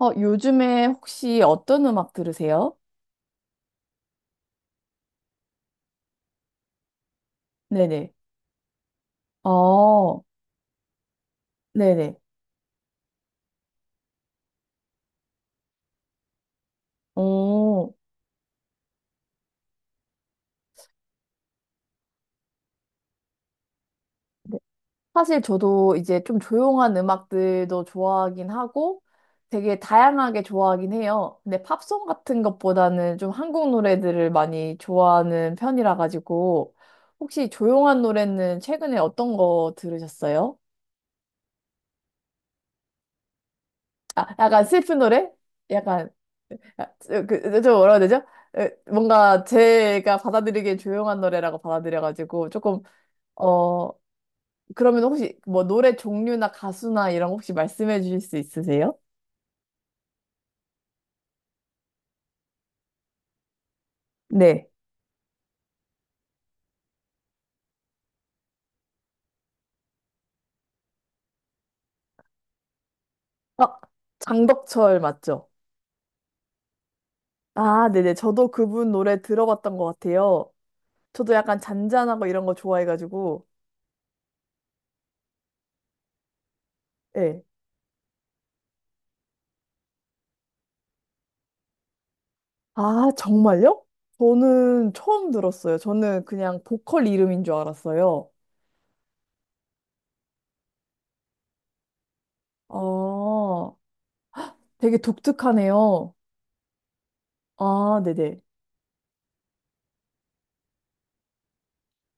요즘에 혹시 어떤 음악 들으세요? 네네. 어, 네네. 어, 네. 사실 저도 이제 좀 조용한 음악들도 좋아하긴 하고 되게 다양하게 좋아하긴 해요. 근데 팝송 같은 것보다는 좀 한국 노래들을 많이 좋아하는 편이라 가지고 혹시 조용한 노래는 최근에 어떤 거 들으셨어요? 아, 약간 슬픈 노래? 약간, 아, 그, 좀 뭐라 해야 되죠? 뭔가 제가 받아들이기엔 조용한 노래라고 받아들여가지고 조금 어 그러면 혹시 뭐 노래 종류나 가수나 이런 거 혹시 말씀해 주실 수 있으세요? 네. 아, 장덕철 맞죠? 아, 네네. 저도 그분 노래 들어봤던 것 같아요. 저도 약간 잔잔하고 이런 거 좋아해가지고. 네, 아, 정말요? 저는 처음 들었어요. 저는 그냥 보컬 이름인 줄 알았어요. 아, 되게 독특하네요. 아, 네네.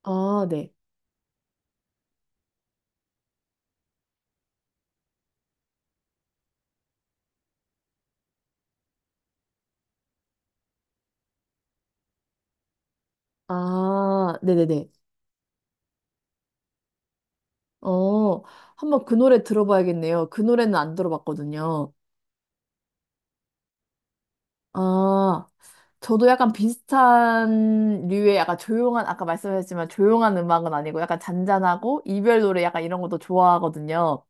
아, 네. 아, 네네네. 어, 한번 그 노래 들어봐야겠네요. 그 노래는 안 들어봤거든요. 아, 저도 약간 비슷한 류의 약간 조용한, 아까 말씀하셨지만 조용한 음악은 아니고 약간 잔잔하고 이별 노래 약간 이런 것도 좋아하거든요.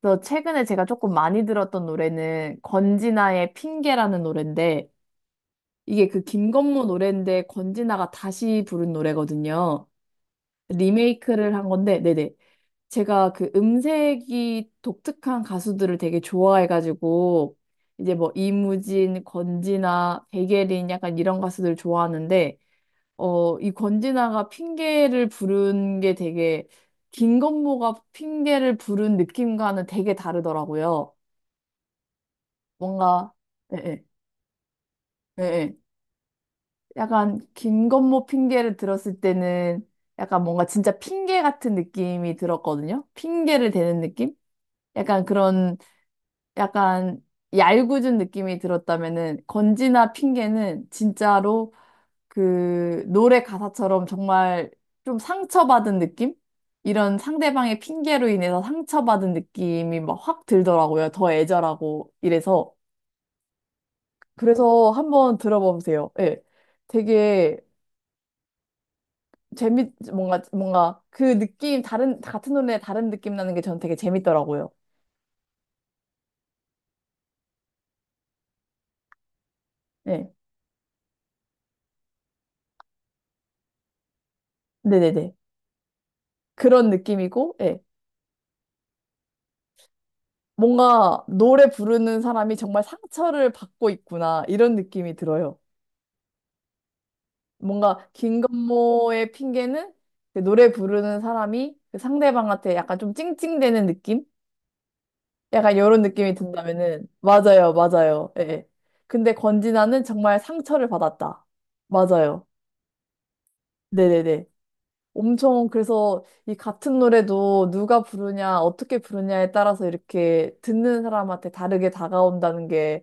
그래서 최근에 제가 조금 많이 들었던 노래는 권진아의 핑계라는 노래인데 이게 그 김건모 노래인데 권진아가 다시 부른 노래거든요. 리메이크를 한 건데, 네네. 제가 그 음색이 독특한 가수들을 되게 좋아해가지고 이제 뭐 이무진, 권진아, 백예린 약간 이런 가수들 좋아하는데 이 권진아가 핑계를 부른 게 되게 김건모가 핑계를 부른 느낌과는 되게 다르더라고요. 뭔가 예, 예, 예, 예. 약간 김건모 핑계를 들었을 때는 약간 뭔가 진짜 핑계 같은 느낌이 들었거든요. 핑계를 대는 느낌? 약간 그런 약간 얄궂은 느낌이 들었다면은 건지나 핑계는 진짜로 그 노래 가사처럼 정말 좀 상처받은 느낌? 이런 상대방의 핑계로 인해서 상처받은 느낌이 막 확 들더라고요. 더 애절하고 이래서. 그래서 한번 들어봐 보세요. 예. 되게 뭔가, 뭔가, 그 느낌, 다른, 같은 노래에 다른 느낌 나는 게 저는 되게 재밌더라고요. 예. 네네네. 그런 느낌이고, 예. 뭔가 노래 부르는 사람이 정말 상처를 받고 있구나 이런 느낌이 들어요. 뭔가 김건모의 핑계는 그 노래 부르는 사람이 그 상대방한테 약간 좀 찡찡대는 느낌? 약간 이런 느낌이 든다면은 맞아요, 맞아요. 예. 예. 근데 권진아는 정말 상처를 받았다. 맞아요. 네네네. 엄청 그래서 이 같은 노래도 누가 부르냐, 어떻게 부르냐에 따라서 이렇게 듣는 사람한테 다르게 다가온다는 게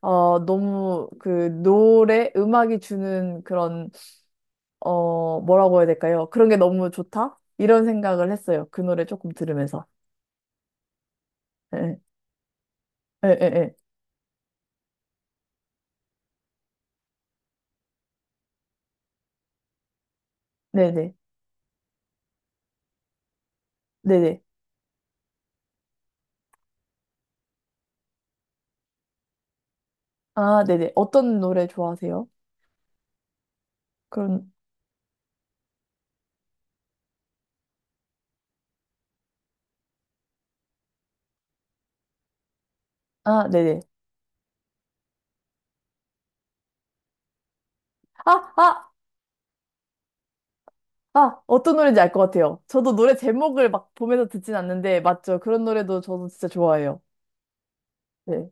너무 그 노래, 음악이 주는 그런, 뭐라고 해야 될까요? 그런 게 너무 좋다? 이런 생각을 했어요. 그 노래 조금 들으면서. 예, 예, 예, 예. 네네. 네네. 아, 네네. 어떤 노래 좋아하세요? 그런, 아, 네네. 아, 아! 아, 어떤 노래인지 알 것 같아요. 저도 노래 제목을 막 보면서 듣진 않는데, 맞죠? 그런 노래도 저도 진짜 좋아해요. 네.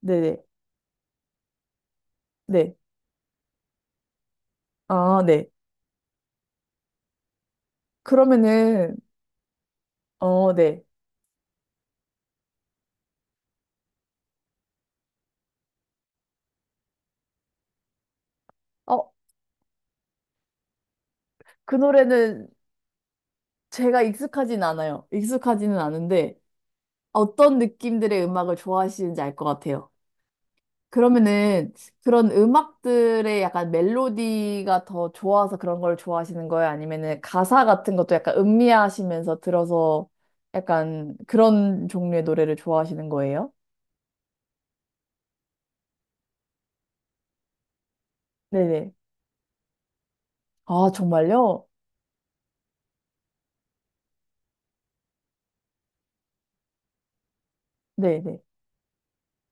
네네. 네. 아, 네. 그러면은, 어, 네. 어, 그 노래는 제가 익숙하진 않아요. 익숙하지는 않은데 어떤 느낌들의 음악을 좋아하시는지 알 것 같아요. 그러면은 그런 음악들의 약간 멜로디가 더 좋아서 그런 걸 좋아하시는 거예요? 아니면은 가사 같은 것도 약간 음미하시면서 들어서 약간 그런 종류의 노래를 좋아하시는 거예요? 네네. 아, 정말요? 네네.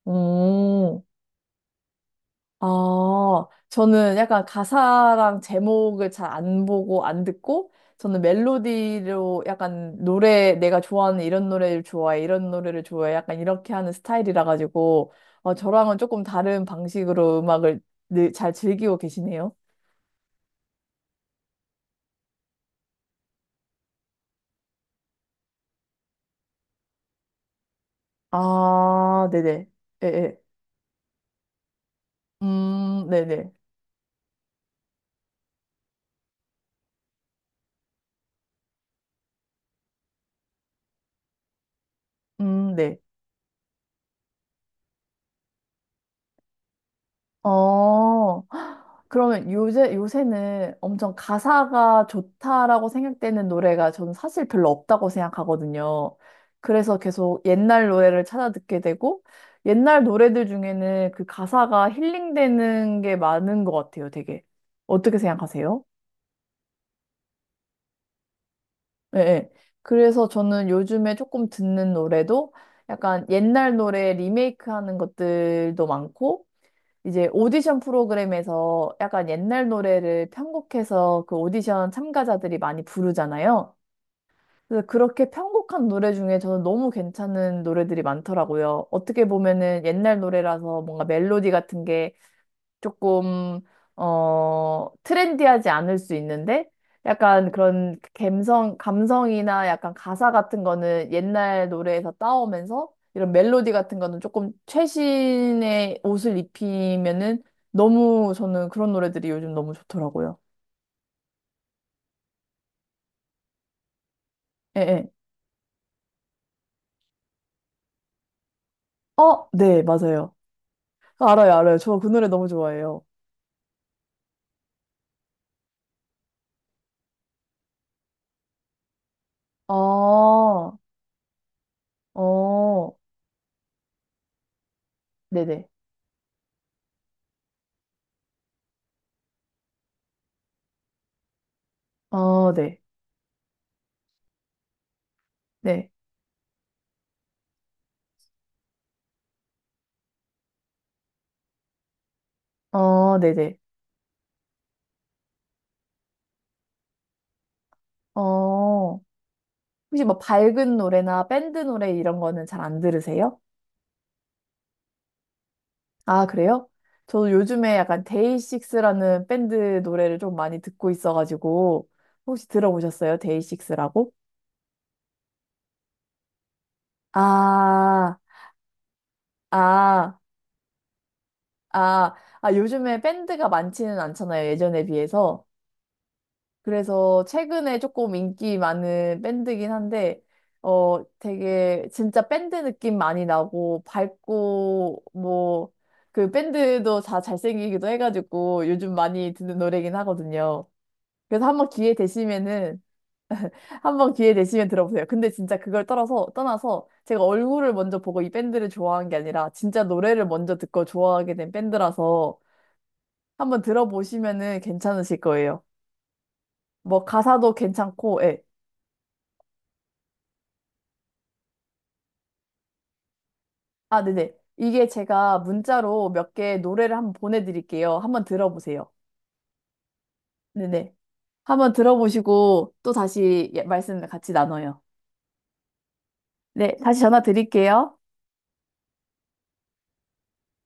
음. 아, 저는 약간 가사랑 제목을 잘 안 보고 안 듣고, 저는 멜로디로 약간 노래, 내가 좋아하는 이런 노래를 좋아해, 이런 노래를 좋아해, 약간 이렇게 하는 스타일이라 가지고, 저랑은 조금 다른 방식으로 음악을 늘 잘 즐기고 계시네요. 아, 네네. 예, 예. 네네. 네. 어, 그러면 요새는 엄청 가사가 좋다라고 생각되는 노래가 저는 사실 별로 없다고 생각하거든요. 그래서 계속 옛날 노래를 찾아 듣게 되고, 옛날 노래들 중에는 그 가사가 힐링되는 게 많은 것 같아요, 되게. 어떻게 생각하세요? 네, 네. 그래서 저는 요즘에 조금 듣는 노래도 약간 옛날 노래 리메이크 하는 것들도 많고, 이제 오디션 프로그램에서 약간 옛날 노래를 편곡해서 그 오디션 참가자들이 많이 부르잖아요. 그래서 그렇게 편곡한 노래 중에 저는 너무 괜찮은 노래들이 많더라고요. 어떻게 보면은 옛날 노래라서 뭔가 멜로디 같은 게 조금 트렌디하지 않을 수 있는데 약간 그런 감성이나 약간 가사 같은 거는 옛날 노래에서 따오면서 이런 멜로디 같은 거는 조금 최신의 옷을 입히면은 너무 저는 그런 노래들이 요즘 너무 좋더라고요. 예, 예. 어, 네, 맞아요. 아, 알아요, 알아요. 저 그 노래 너무 좋아해요. 아, 어, 네네. 어, 네. 네. 어, 네네. 어, 혹시 뭐 밝은 노래나 밴드 노래 이런 거는 잘 안 들으세요? 아, 그래요? 저도 요즘에 약간 데이식스라는 밴드 노래를 좀 많이 듣고 있어가지고 혹시 들어보셨어요? 데이식스라고? 아, 아, 아, 아, 요즘에 밴드가 많지는 않잖아요. 예전에 비해서. 그래서 최근에 조금 인기 많은 밴드긴 한데, 되게 진짜 밴드 느낌 많이 나고, 밝고, 뭐, 그 밴드도 다 잘생기기도 해가지고 요즘 많이 듣는 노래긴 하거든요. 그래서 한번 기회 되시면은, 한번 기회 되시면 들어보세요. 근데 진짜 그걸 떠나서 제가 얼굴을 먼저 보고 이 밴드를 좋아한 게 아니라 진짜 노래를 먼저 듣고 좋아하게 된 밴드라서 한번 들어보시면은 괜찮으실 거예요. 뭐 가사도 괜찮고, 예. 아, 네네. 이게 제가 문자로 몇 개 노래를 한번 보내드릴게요. 한번 들어보세요. 네네. 한번 들어보시고 또 다시 말씀 같이 나눠요. 네, 다시 전화 드릴게요.